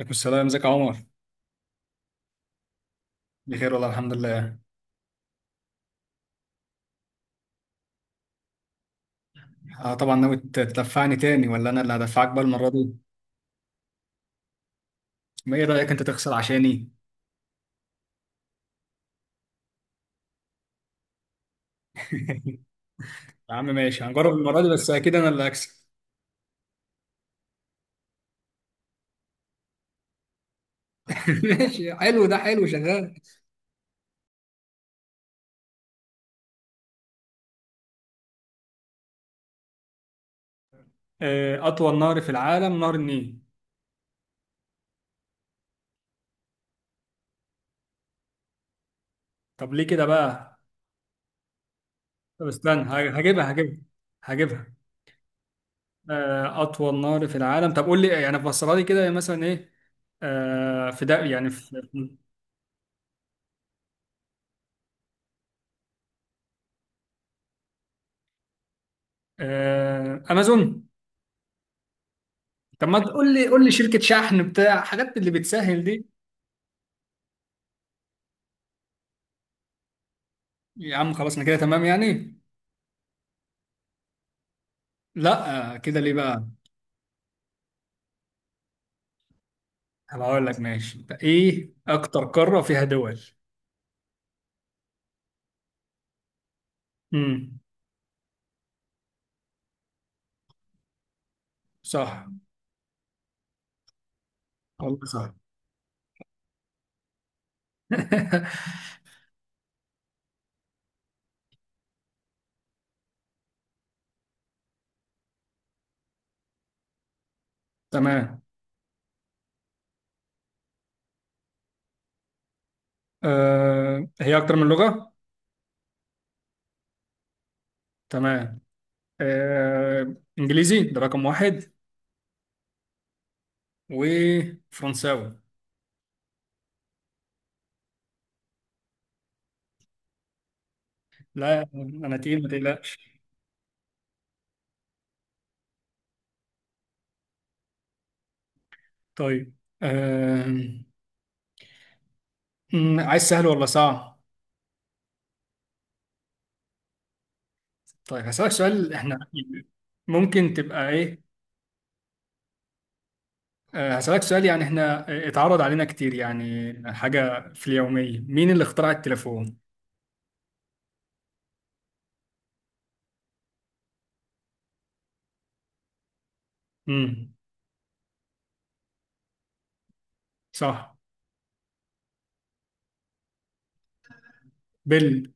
عليكم السلام، ازيك يا عمر؟ بخير والله، الحمد لله. طبعا، ناوي تدفعني تاني ولا انا اللي هدفعك بقى المره دي؟ ما ايه رايك انت تخسر عشاني؟ يا عم ماشي، هنجرب المره دي بس اكيد انا اللي هكسب. ماشي، حلو ده حلو شغال. اطول نهر في العالم نهر النيل. طب ليه كده بقى؟ طب استنى، هجيبها. اطول نهر في العالم، طب قول لي يعني فسرها لي كده مثلا ايه؟ في ده، يعني في. امازون. طب ما تقول لي، قول لي شركة شحن بتاع حاجات اللي بتسهل دي. يا عم خلاص، انا كده تمام يعني. لا، كده ليه بقى؟ هبقى اقول لك ماشي، ايه اكتر قارة فيها دول؟ امم. صح. والله صح. تمام. هي اكتر من لغة. تمام. انجليزي ده رقم واحد. وفرنساوي. لا انا تقيل، ما تقلقش. طيب. آه. عايز سهل ولا صعب؟ طيب هسألك سؤال احنا. ممكن تبقى ايه. هسألك سؤال يعني احنا اتعرض علينا كتير، يعني حاجة في اليومية، مين اللي اخترع التليفون؟ امم. صح. بيل.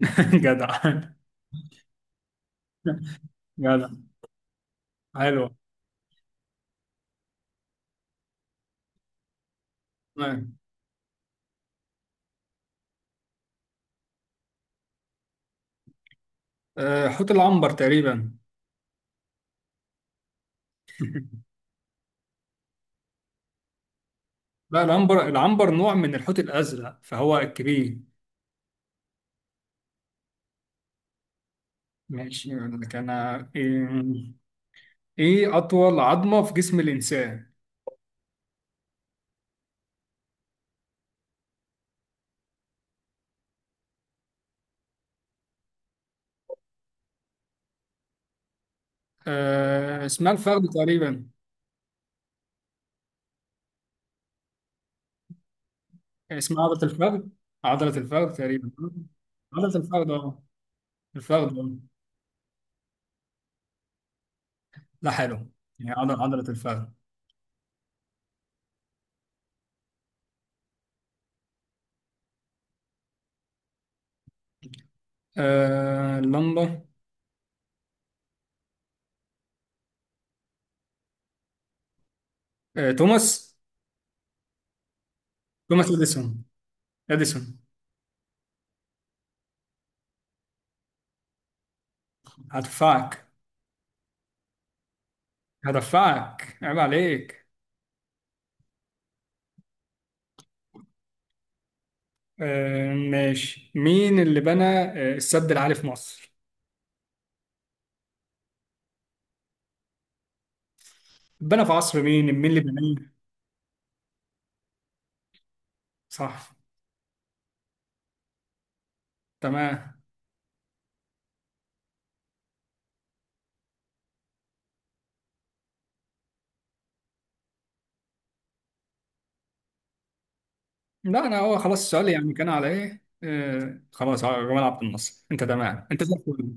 جدع. جدع. حلو. تمام. حوت العنبر تقريبا. لا، العنبر، العنبر نوع من الحوت الأزرق، فهو الكبير. ماشي يقول لك انا ايه. إيه أطول عظمة في جسم الإنسان؟ اسمها الفخذ تقريبا. اسمها عضلة الفخذ. عضلة الفخذ تقريبا. عضلة الفخذ اه. الفخذ آه. لا، حلو. يعني عضلة الفخذ. اللمبة. توماس. توماس اديسون. اديسون. هدفعك. هدفعك، عيب عليك. ماشي، مين اللي بنى السد العالي في مصر؟ بنى في عصر مين؟ مين اللي بناه؟ صح. تمام. لا، انا هو خلاص السؤال يعني كان على ايه، خلاص على جمال عبد الناصر، انت تمام انت زي الفل.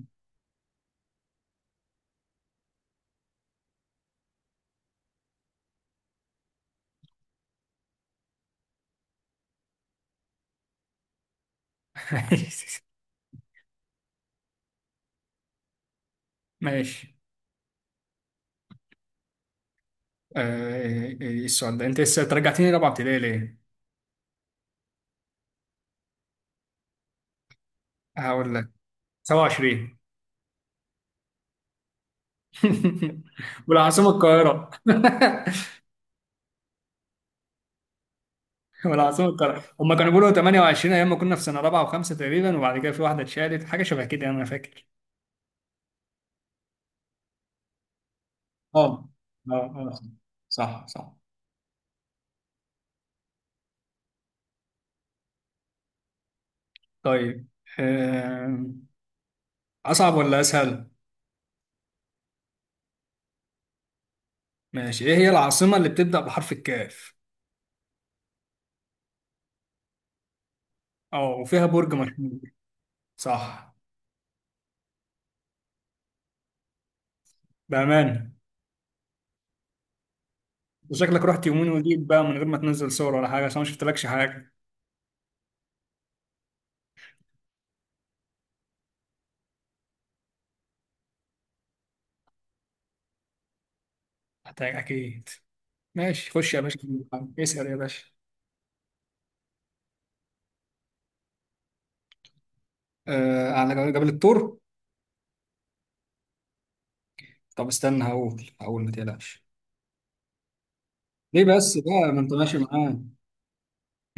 ماشي. إيه السؤال ده؟ انت لسه ترجعتني رابعه ابتدائي ليه؟ هقول لك. 27. والعاصمة القاهرة. والعاصمة القاهرة، هم كانوا بيقولوا 28، ايام ما كنا في سنة رابعة وخمسة تقريبا، وبعد كده في واحدة اتشالت، حاجة شبه كده يعني، انا فاكر. اه. اه اه. صح صح. طيب. آم، اصعب ولا اسهل؟ ماشي، ايه هي العاصمة اللي بتبدأ بحرف الكاف؟ اه، وفيها برج مشهور. صح. بأمان. شكلك رحت يمين وجيت بقى من غير ما تنزل صور ولا حاجة، عشان ما شفتلكش حاجة. اكيد. ماشي خش يا باشا. اسأل يا باشا. على جبل الطور. طب استنى، هقول، ما تقلقش. ليه بس بقى؟ ما انت ماشي معاه.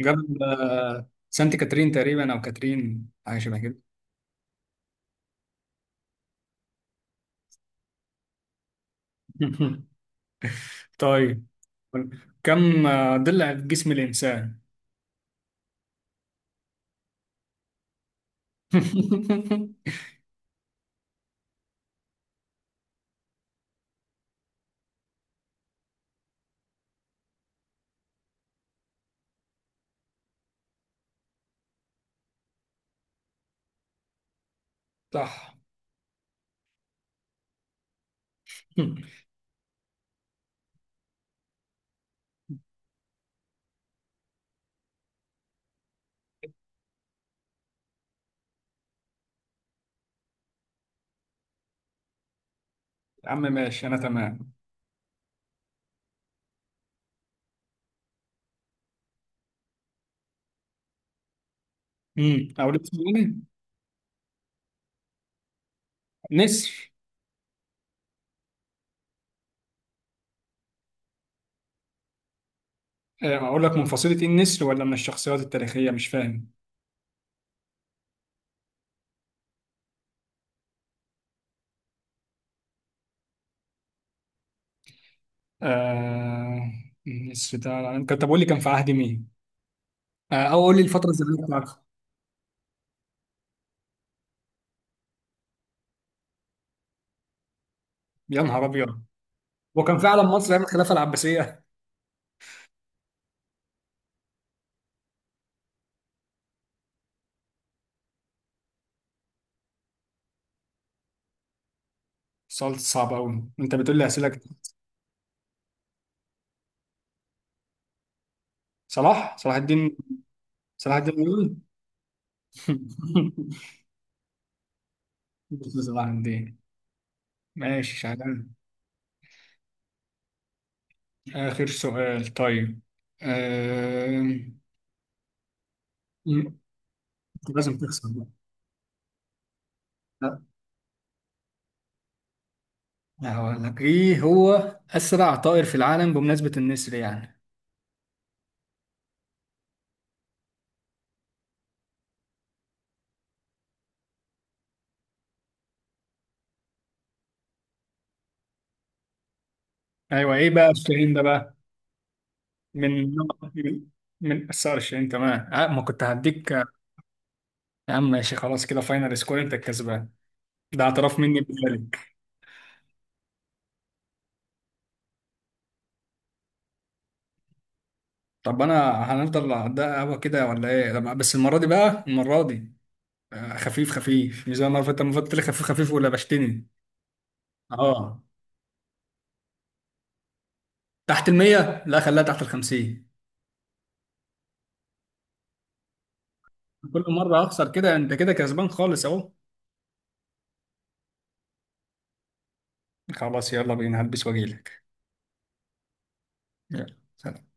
جبل سانت كاترين تقريبا، او كاترين، حاجه شبه كده. طيب. كم ضلع في جسم الانسان؟ صح. يا عم ماشي، انا تمام. اقول لك اسمه ايه. نسر. اقول لك من فصيلة ايه النسر، ولا من الشخصيات التاريخية؟ مش فاهم. آه... النسر ده كان، طب قول لي، كان في عهد مين؟ او قول لي الفترة الزمنية بتاعته. يا نهار ابيض. وكان فعلا مصر ايام الخلافه العباسيه. السؤال صعب قوي، انت بتقول لي اسئله كتير. صلاح الدين. صلاح الدين الايوبي. بص صلاح الدين. ماشي شغال. اخر سؤال، طيب. آم، م- لازم تخسر بقى؟ لا، هقول لك ايه هو. اسرع طائر في العالم، بمناسبه النسر يعني. ايوه، ايه بقى الشاهين ده بقى؟ من من من الصقر الشاهين، تمام. ما كنت هديك. يا عم ماشي، خلاص كده فاينل سكور، انت الكسبان. ده اعتراف مني بذلك. طب انا هنفضل على ده قهوه كده ولا ايه، لما بس المره دي بقى المره دي. خفيف خفيف، مش زي المره اللي فاتت، المره اللي فاتت لي خفيف خفيف، ولا بشتني؟ اه. تحت المية، لا خليها تحت الخمسين. كل مرة أخسر كده أنت كده كسبان خالص أهو. خلاص يلا بينا، هلبس وأجيلك. يلا سلام.